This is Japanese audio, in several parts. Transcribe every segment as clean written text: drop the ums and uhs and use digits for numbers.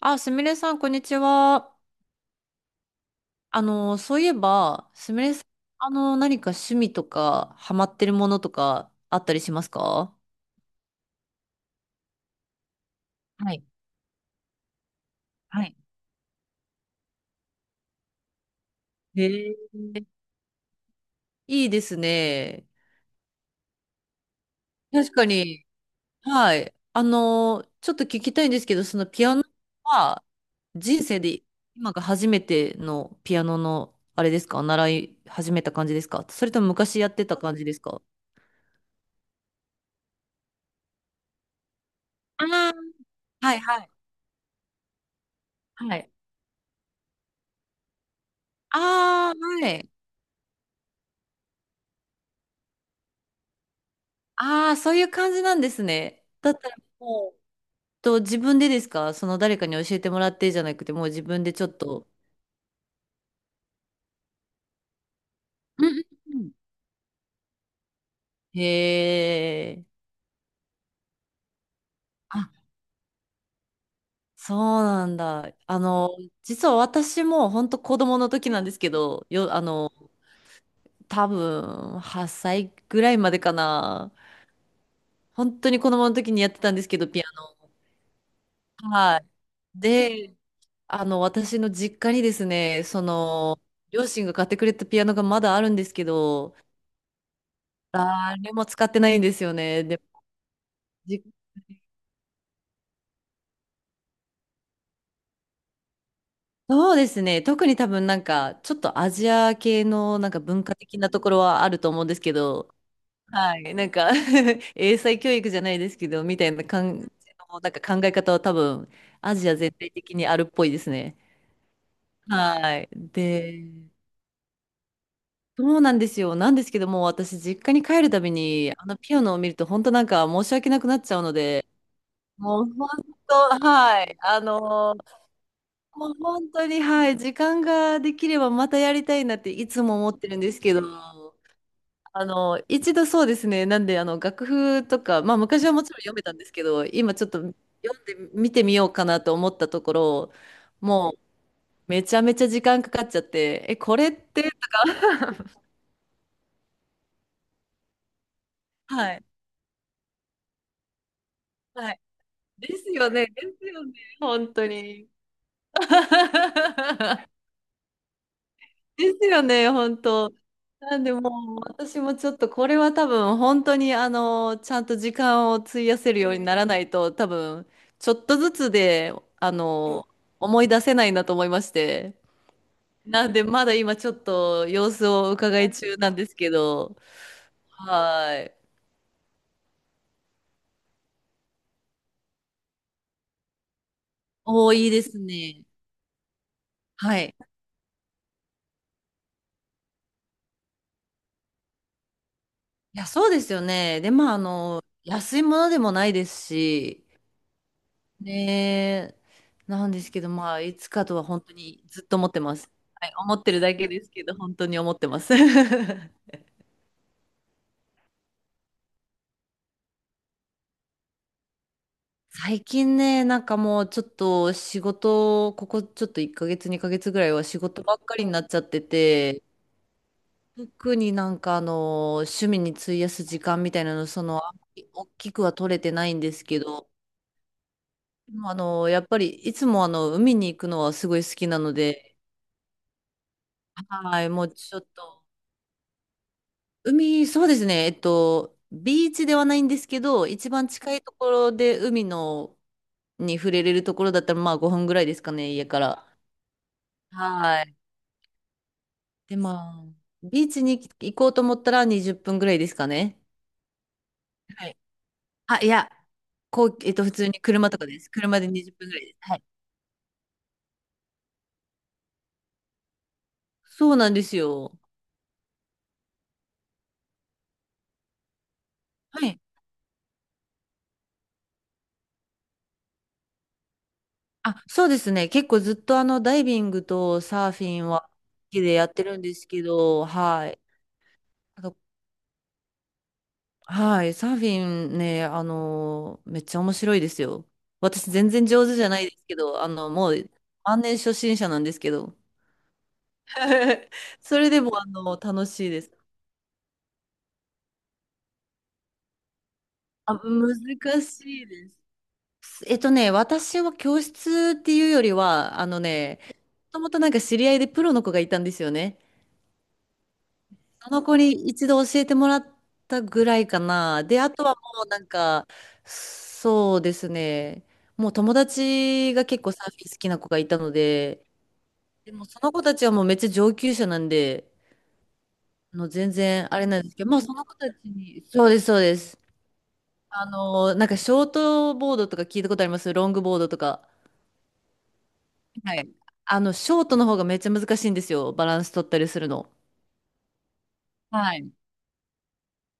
あ、すみれさん、こんにちは。そういえば、すみれさん、何か趣味とか、ハマってるものとか、あったりしますか？はい。はい。いいですね。確かに、はい。あの、ちょっと聞きたいんですけど、そのピアノは、人生で今が初めてのピアノの、あれですか？習い始めた感じですか？それとも昔やってた感じですか？ああー、はいはい。はい。ああー、はい。ああ、そういう感じなんですね。だったらもう、と、自分でですか？その誰かに教えてもらってじゃなくて、もう自分でちょっと。うんうん、うん、へえ。あ、そうなんだ。あの、実は私も本当子供の時なんですけど、よ、あの、多分8歳ぐらいまでかな。本当に子供の時にやってたんですけど、ピアノ。はい。で、私の実家にですね、その、両親が買ってくれたピアノがまだあるんですけど、誰も使ってないんですよね。で、じ、そうですね。特に多分なんか、ちょっとアジア系のなんか文化的なところはあると思うんですけど、はい。なんか 英才教育じゃないですけど、みたいな感じのなんか考え方は多分、アジア全体的にあるっぽいですね。はい。で、そうなんですよ。なんですけども、私、実家に帰るたびに、あのピアノを見ると、本当なんか申し訳なくなっちゃうので、もう本当、はい。もう本当に、はい、時間ができればまたやりたいなっていつも思ってるんですけど、あの、一度そうですね、なんで、あの、楽譜とか、まあ昔はもちろん読めたんですけど、今ちょっと読んで見てみようかなと思ったところ、もうめちゃめちゃ時間かかっちゃって、え、これって、はい、はい、ですよね、ですよね、本当に。ですよね、本当。なんでもう私もちょっとこれは多分本当にあのちゃんと時間を費やせるようにならないと多分ちょっとずつであの思い出せないなと思いまして。なんでまだ今ちょっと様子を伺い中なんですけど。はい。おー、いいですね。はい。いや、そうですよね。で、まあ、あの、安いものでもないですし、ねえ、なんですけど、まあ、いつかとは本当にずっと思ってます。はい、思ってるだけですけど、本当に思ってます。最近ね、なんかもうちょっと仕事、ここちょっと1ヶ月、2ヶ月ぐらいは仕事ばっかりになっちゃってて、特になんかあの、趣味に費やす時間みたいなの、その、あんまり大きくは取れてないんですけど、でもあの、やっぱりいつもあの、海に行くのはすごい好きなので、はい、もうちょっと、海、そうですね。えっと、ビーチではないんですけど、一番近いところで海のに触れれるところだったら、まあ5分ぐらいですかね、家から。はい。で、まあ、ビーチに行こうと思ったら20分ぐらいですかね。はい。あ、いや、こう、えっと、普通に車とかです。車で20分ぐらいです。はい。そうなんですよ。はい。あ、そうですね。結構ずっとあの、ダイビングとサーフィンは好きでやってるんですけど、はい。はい、サーフィンね、あの、めっちゃ面白いですよ。私全然上手じゃないですけど、あの、もう万年初心者なんですけど、それでもあの、楽しいです。あ、難しいです。えっとね、私は教室っていうよりは、あのね、もともとなんか知り合いでプロの子がいたんですよね。あの子に一度教えてもらったぐらいかな。で、あとはもうなんか、そうですね。もう友達が結構サーフィン好きな子がいたので、でもその子たちはもうめっちゃ上級者なんで、あの全然あれなんですけど、まあその子たちに、そうです、そうです。あの、なんかショートボードとか聞いたことあります？ロングボードとか。はい。あの、ショートの方がめっちゃ難しいんですよ。バランス取ったりするの。はい、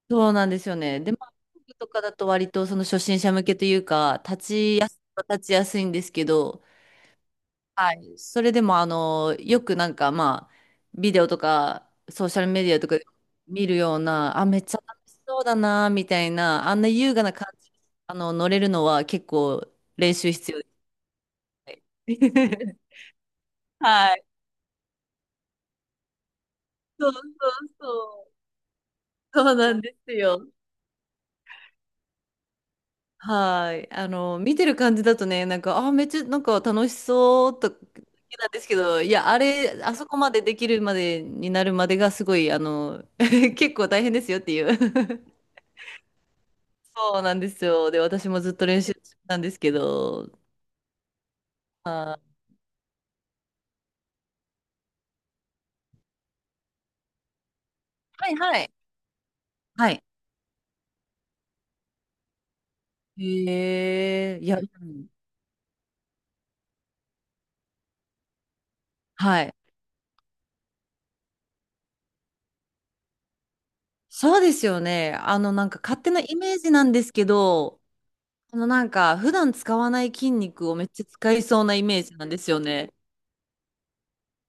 そうなんですよね。で、まあ、工具とかだと割とその初心者向けというか、立ちやす、立ちやすいんですけど、はい。それでも、あの、よくなんか、まあ、ビデオとか、ソーシャルメディアとかで見るような、あ、めっちゃ楽しそうだな、みたいな、あんな優雅な感じ、あの、乗れるのは結構練習必要です。はい。そうそうそう。そうなんですよ。はい。あの、見てる感じだとね、なんか、あー、めっちゃ、なんか楽しそうと、なんですけど、いや、あれ、あそこまでできるまでになるまでがすごい、あの、結構大変ですよっていう。そうなんですよ。で、私もずっと練習したんですけど、あー、はいはい。はい。へえ、いや、うん、はい。そうですよね。あの、なんか勝手なイメージなんですけど、あの、なんか普段使わない筋肉をめっちゃ使いそうなイメージなんですよね。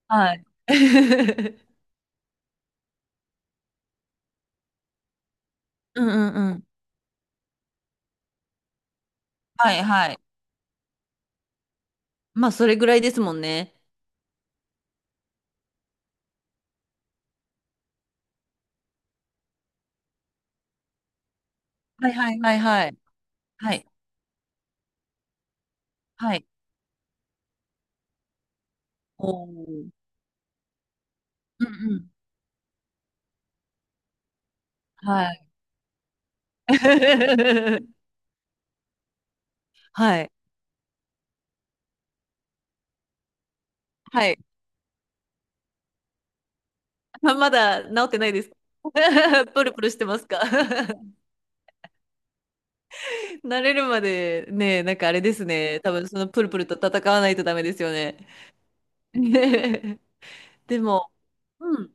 はい。うんうんうん。はいはい。まあ、それぐらいですもんね。はいはいはいはい。はい。はい。おー、うんうん。はい。はい。はい。あ、まだ治ってないです。プルプルしてますか？ 慣れるまでね、なんかあれですね。多分そのプルプルと戦わないとダメですよね。でも、うん。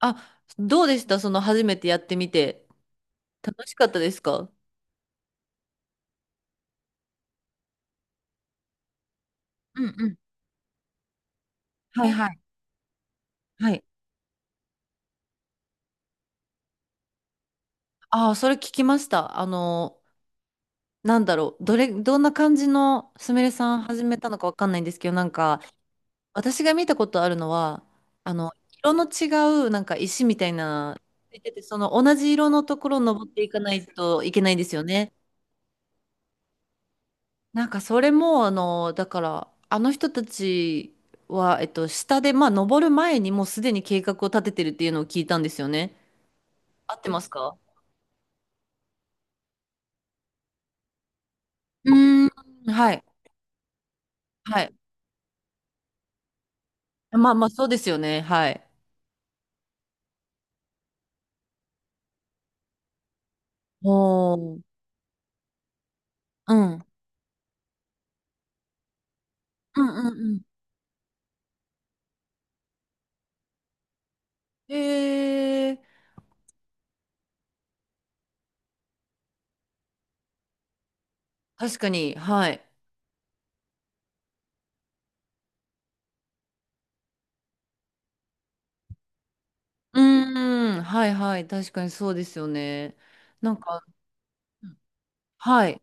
あ、どうでしたその初めてやってみて。楽しかったですか？うんうん。はいはい。はい。ああ、それ聞きました。あの、なんだろう、どれ、どんな感じのすみれさん始めたのかわかんないんですけど、なんか、私が見たことあるのは、あの、色の違う、なんか石みたいな、ついてて、その同じ色のところを登っていかないといけないんですよね。なんか、それも、あの、だから、あの人たちは、えっと、下で、まあ、登る前にもうすでに計画を立ててるっていうのを聞いたんですよね。合ってますか？うーん、はい、はい。まあまあ、そうですよね。はい。おー、うん。うんうんうん。へえー、確かに、はい。うーん、はいはい、確かにそうですよね。なんか、うん、はい、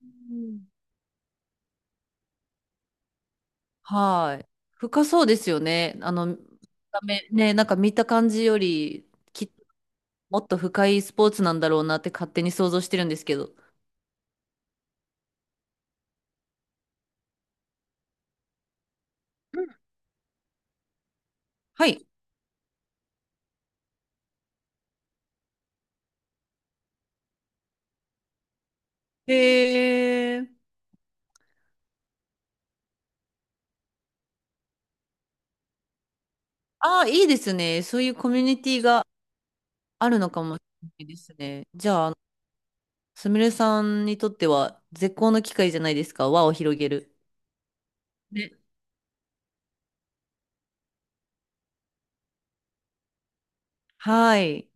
うん、はい。深そうですよね。あの、見た目ね、なんか見た感じより、きっともっと深いスポーツなんだろうなって勝手に想像してるんですけど。はい。へえ、ああ、いいですね。そういうコミュニティがあるのかもしれないですね。じゃあ、すみれさんにとっては絶好の機会じゃないですか、輪を広げる。ね。はい。